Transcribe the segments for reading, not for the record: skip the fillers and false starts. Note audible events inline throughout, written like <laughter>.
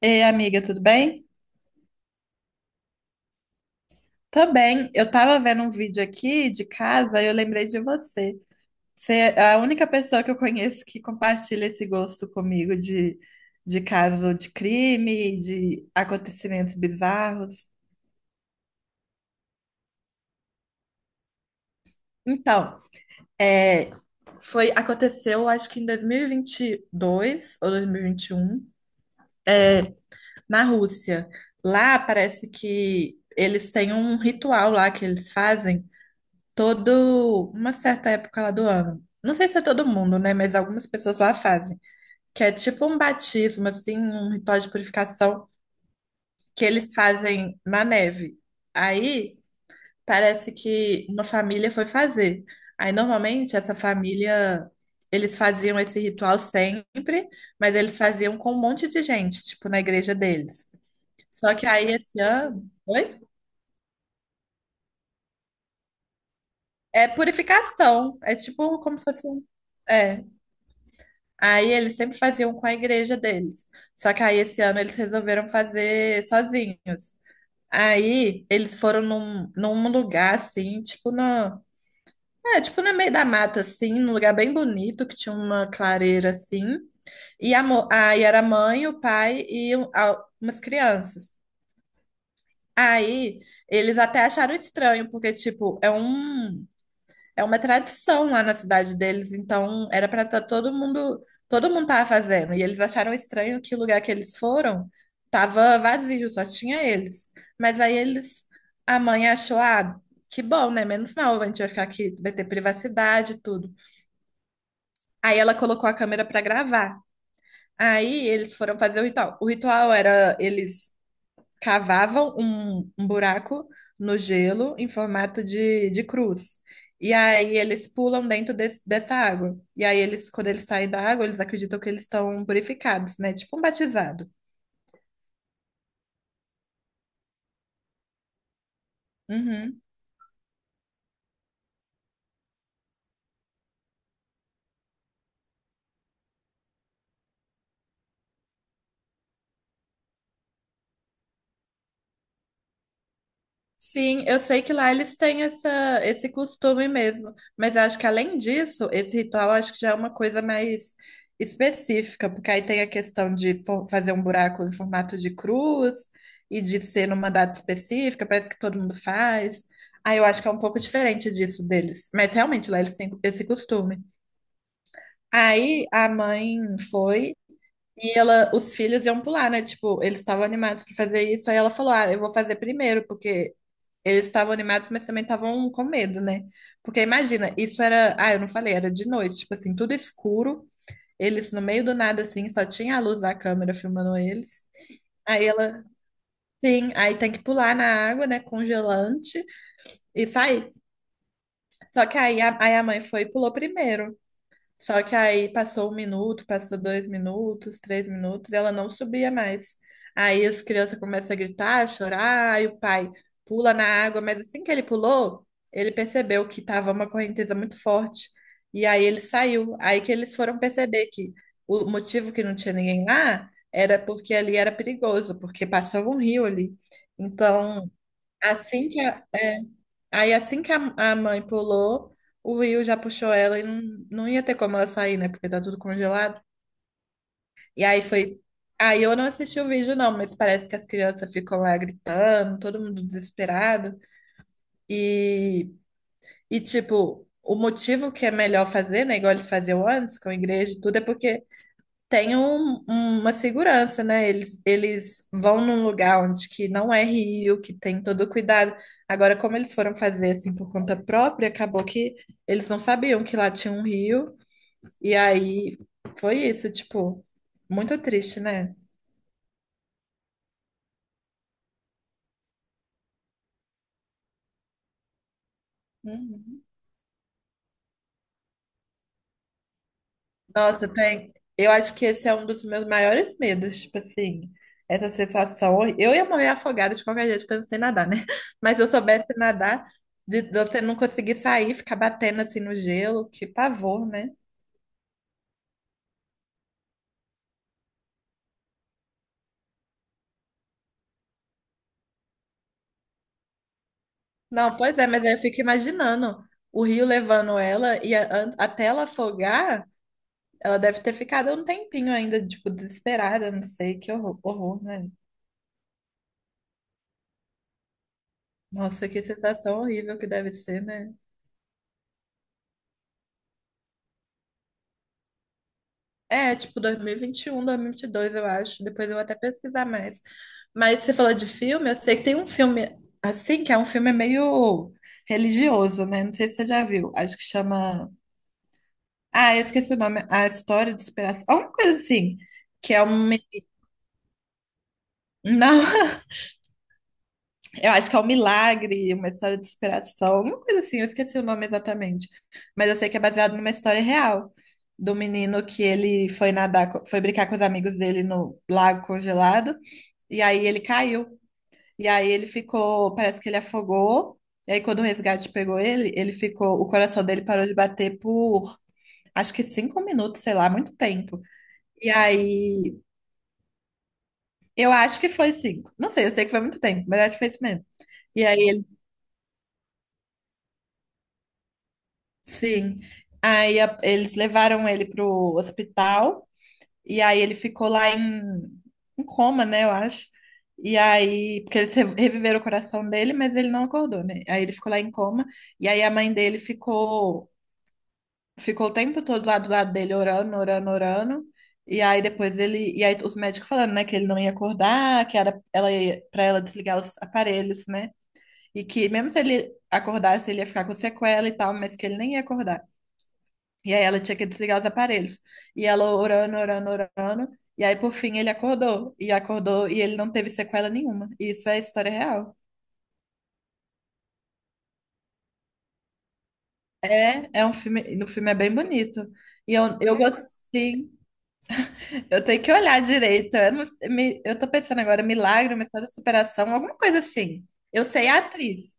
Ei, amiga, tudo bem? Tô bem. Eu tava vendo um vídeo aqui de casa e eu lembrei de você. Você é a única pessoa que eu conheço que compartilha esse gosto comigo de caso de crime, de acontecimentos bizarros. Então, é, aconteceu, acho que em 2022 ou 2021, na Rússia. Lá parece que eles têm um ritual lá que eles fazem todo uma certa época lá do ano. Não sei se é todo mundo, né? Mas algumas pessoas lá fazem. Que é tipo um batismo, assim, um ritual de purificação que eles fazem na neve. Aí parece que uma família foi fazer. Aí normalmente essa família, eles faziam esse ritual sempre, mas eles faziam com um monte de gente, tipo na igreja deles. Só que aí esse ano, oi? É purificação, é tipo como se fosse um, é, aí eles sempre faziam com a igreja deles. Só que aí esse ano eles resolveram fazer sozinhos. Aí eles foram num lugar assim, tipo no meio da mata assim, num lugar bem bonito que tinha uma clareira assim. Aí era a mãe, o pai e umas crianças. Aí eles até acharam estranho, porque tipo, é uma tradição lá na cidade deles, então era para estar todo mundo tava fazendo. E eles acharam estranho que o lugar que eles foram tava vazio, só tinha eles. Mas aí eles, a mãe achou, ah, que bom, né? Menos mal, a gente vai ficar aqui, vai ter privacidade e tudo. Aí ela colocou a câmera para gravar. Aí eles foram fazer o ritual. O ritual era eles cavavam um buraco no gelo em formato de cruz. E aí eles pulam dentro dessa água. E aí quando eles saem da água, eles acreditam que eles estão purificados, né? Tipo um batizado. Uhum. Sim, eu sei que lá eles têm esse costume mesmo, mas eu acho que além disso, esse ritual acho que já é uma coisa mais específica, porque aí tem a questão fazer um buraco em formato de cruz e de ser numa data específica, parece que todo mundo faz. Aí eu acho que é um pouco diferente disso deles, mas realmente lá eles têm esse costume. Aí a mãe foi os filhos iam pular, né? Tipo, eles estavam animados para fazer isso, aí ela falou: "Ah, eu vou fazer primeiro, porque eles estavam animados, mas também estavam com medo, né? Porque imagina, isso era. Ah, eu não falei, era de noite, tipo assim, tudo escuro. Eles no meio do nada, assim, só tinha a luz da câmera filmando eles. Aí sim, aí tem que pular na água, né? Congelante e sair. Só que aí a mãe foi e pulou primeiro. Só que aí passou um minuto, passou dois minutos, três minutos, ela não subia mais. Aí as crianças começam a gritar, a chorar, aí o pai pula na água, mas assim que ele pulou, ele percebeu que estava uma correnteza muito forte. E aí ele saiu. Aí que eles foram perceber que o motivo que não tinha ninguém lá era porque ali era perigoso, porque passava um rio ali. Então, assim que a- é, Aí assim que a mãe pulou, o Will já puxou ela e não, não ia ter como ela sair, né? Porque tá tudo congelado. E aí foi. Aí eu não assisti o vídeo, não, mas parece que as crianças ficam lá gritando, todo mundo desesperado. E, e tipo, o motivo que é melhor fazer, né? Igual eles faziam antes com a igreja e tudo, é porque tem uma segurança, né? Eles vão num lugar onde que não é rio, que tem todo o cuidado. Agora, como eles foram fazer assim por conta própria, acabou que eles não sabiam que lá tinha um rio, e aí foi isso, tipo, muito triste, né? Nossa, tem. Eu acho que esse é um dos meus maiores medos, tipo assim, essa sensação. Eu ia morrer afogada de qualquer jeito, porque eu não sei nadar, né? <laughs> Mas se eu soubesse nadar, de você não conseguir sair, ficar batendo assim no gelo, que pavor, né? Não, pois é, mas aí eu fico imaginando o rio levando ela e até ela afogar, ela deve ter ficado um tempinho ainda, tipo, desesperada, não sei, que horror, horror, né? Nossa, que sensação horrível que deve ser, né? É, tipo 2021, 2022, eu acho. Depois eu vou até pesquisar mais. Mas você falou de filme, eu sei que tem um filme assim, que é um filme meio religioso, né? Não sei se você já viu. Acho que chama. Ah, eu esqueci o nome. A História de Superação. Alguma coisa assim. Que é um. Me- Não. <laughs> Eu acho que é um milagre, uma história de superação, alguma coisa assim, eu esqueci o nome exatamente. Mas eu sei que é baseado numa história real do menino que ele foi nadar, foi brincar com os amigos dele no lago congelado, e aí ele caiu. E aí ele ficou, parece que ele afogou. E aí quando o resgate pegou ele, ele ficou, o coração dele parou de bater por acho que cinco minutos, sei lá, muito tempo. E aí, eu acho que foi cinco. Não sei, eu sei que foi muito tempo, mas acho que foi isso mesmo. E aí ele Sim. Aí eles levaram ele pro hospital e aí ele ficou lá em coma, né, eu acho. E aí, porque eles reviveram o coração dele, mas ele não acordou, né? Aí ele ficou lá em coma e aí a mãe dele ficou o tempo todo lá do lado dele orando, orando, orando. E aí depois ele e aí os médicos falando, né, que ele não ia acordar, que era ela para ela desligar os aparelhos, né? E que mesmo se ele acordasse, ele ia ficar com sequela e tal, mas que ele nem ia acordar. E aí ela tinha que desligar os aparelhos. E ela orando, orando, orando. E aí, por fim, ele acordou. E acordou e ele não teve sequela nenhuma. E isso é história real. É um filme. No filme é bem bonito. E eu gostei. Eu tenho que olhar direito. Eu, não- me- eu tô pensando agora, milagre, uma história de superação, alguma coisa assim. Eu sei a atriz.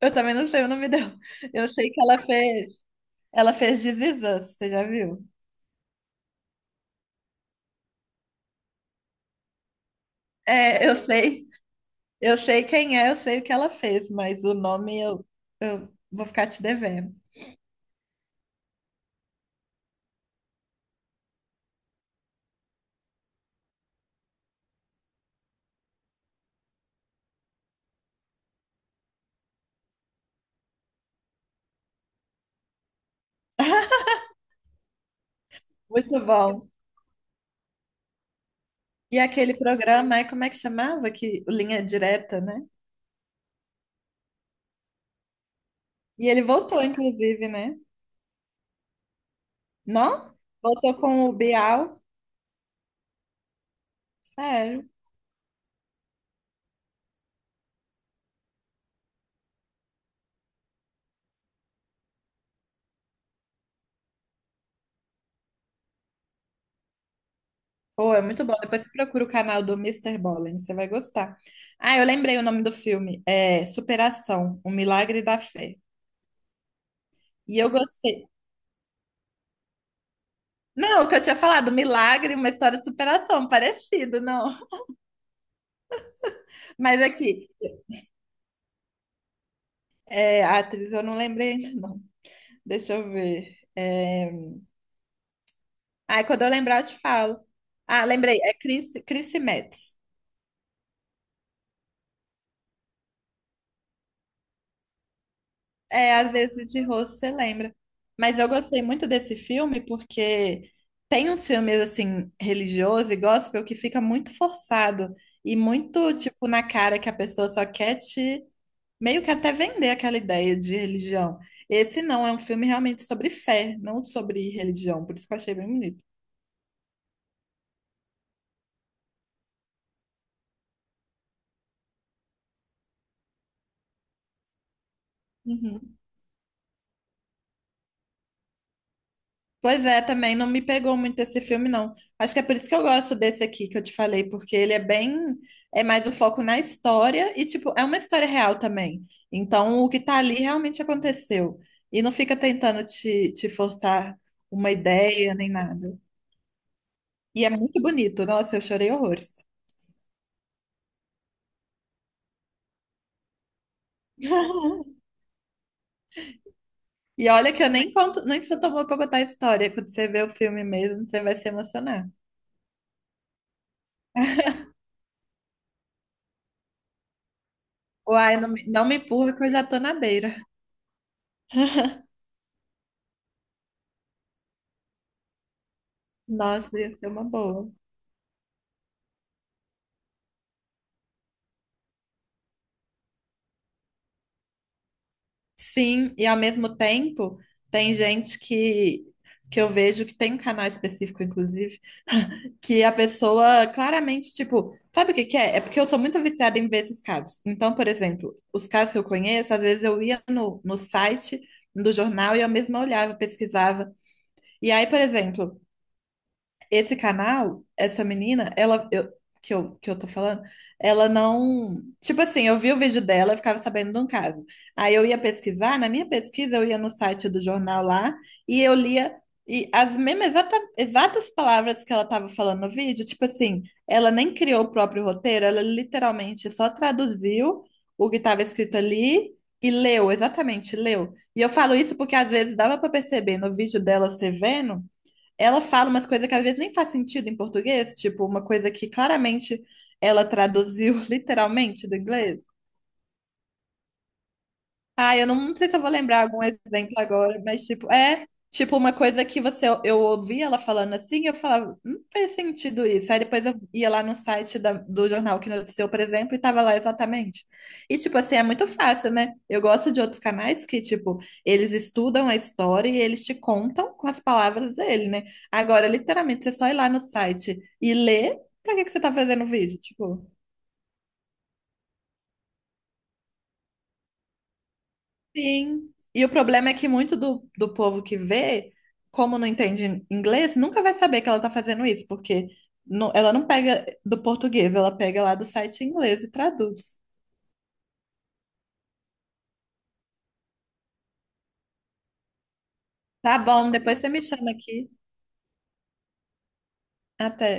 Eu também não sei o nome dela. Eu sei que ela fez. Ela fez This Is Us, você já viu? É, eu sei. Eu sei quem é, eu sei o que ela fez, mas o nome eu vou ficar te devendo. Muito bom. E aquele programa, é como é que chamava? Que, Linha Direta, né? E ele voltou, inclusive, né? Não? Voltou com o Bial. Sério. Pô, é muito bom. Depois você procura o canal do Mister Bollen, você vai gostar. Ah, eu lembrei o nome do filme. É Superação, O Milagre da Fé. E eu gostei. Não, o que eu tinha falado, milagre, uma história de superação, parecido, não. Mas aqui, é, a atriz eu não lembrei ainda, não. Deixa eu ver. É... Ah, quando eu lembrar, eu te falo. Ah, lembrei. É Chrissy Metz. É, às vezes de rosto você lembra. Mas eu gostei muito desse filme porque tem uns filmes, assim, religiosos e gospel que fica muito forçado e muito, tipo, na cara que a pessoa só quer te... Meio que até vender aquela ideia de religião. Esse não, é um filme realmente sobre fé, não sobre religião. Por isso que eu achei bem bonito. Uhum. Pois é, também não me pegou muito esse filme, não. Acho que é por isso que eu gosto desse aqui que eu te falei, porque ele é bem, é mais o foco na história e, tipo, é uma história real também. Então, o que tá ali realmente aconteceu. E não fica tentando te forçar uma ideia nem nada. E é muito bonito. Nossa, eu chorei horrores. <laughs> E olha que eu nem conto, nem sou tomou pra contar a história. Quando você vê o filme mesmo, você vai se emocionar. <laughs> Uai, não, não me empurra que eu já tô na beira. <laughs> Nossa, ia ser uma boa. Sim, e ao mesmo tempo, tem gente que eu vejo que tem um canal específico, inclusive, que a pessoa claramente, tipo, sabe o que que é? É porque eu sou muito viciada em ver esses casos. Então, por exemplo, os casos que eu conheço, às vezes eu ia no site do jornal e eu mesma olhava, pesquisava. E aí, por exemplo, esse canal, essa menina, ela eu- que eu, que eu tô falando, ela não. Tipo assim, eu vi o vídeo dela, eu ficava sabendo de um caso. Aí eu ia pesquisar, na minha pesquisa, eu ia no site do jornal lá e eu lia e as mesmas exatas palavras que ela tava falando no vídeo, tipo assim, ela nem criou o próprio roteiro, ela literalmente só traduziu o que estava escrito ali e leu, exatamente, leu. E eu falo isso porque às vezes dava para perceber no vídeo dela, você vendo ela fala umas coisas que às vezes nem faz sentido em português, tipo, uma coisa que claramente ela traduziu <laughs> literalmente do inglês. Ah, eu não sei se eu vou lembrar algum exemplo agora, mas tipo, é tipo uma coisa que você eu ouvia ela falando assim, eu falava, não fez sentido isso. Aí depois eu ia lá no site do jornal que noticiou, por exemplo, e tava lá exatamente. E tipo assim, é muito fácil, né? Eu gosto de outros canais que, tipo, eles estudam a história e eles te contam com as palavras dele, né? Agora, literalmente, você só ir lá no site e ler, pra que que você tá fazendo o vídeo? Tipo. Sim. E o problema é que muito do povo que vê, como não entende inglês, nunca vai saber que ela tá fazendo isso, porque ela não pega do português, ela pega lá do site em inglês e traduz. Tá bom, depois você me chama aqui. Até.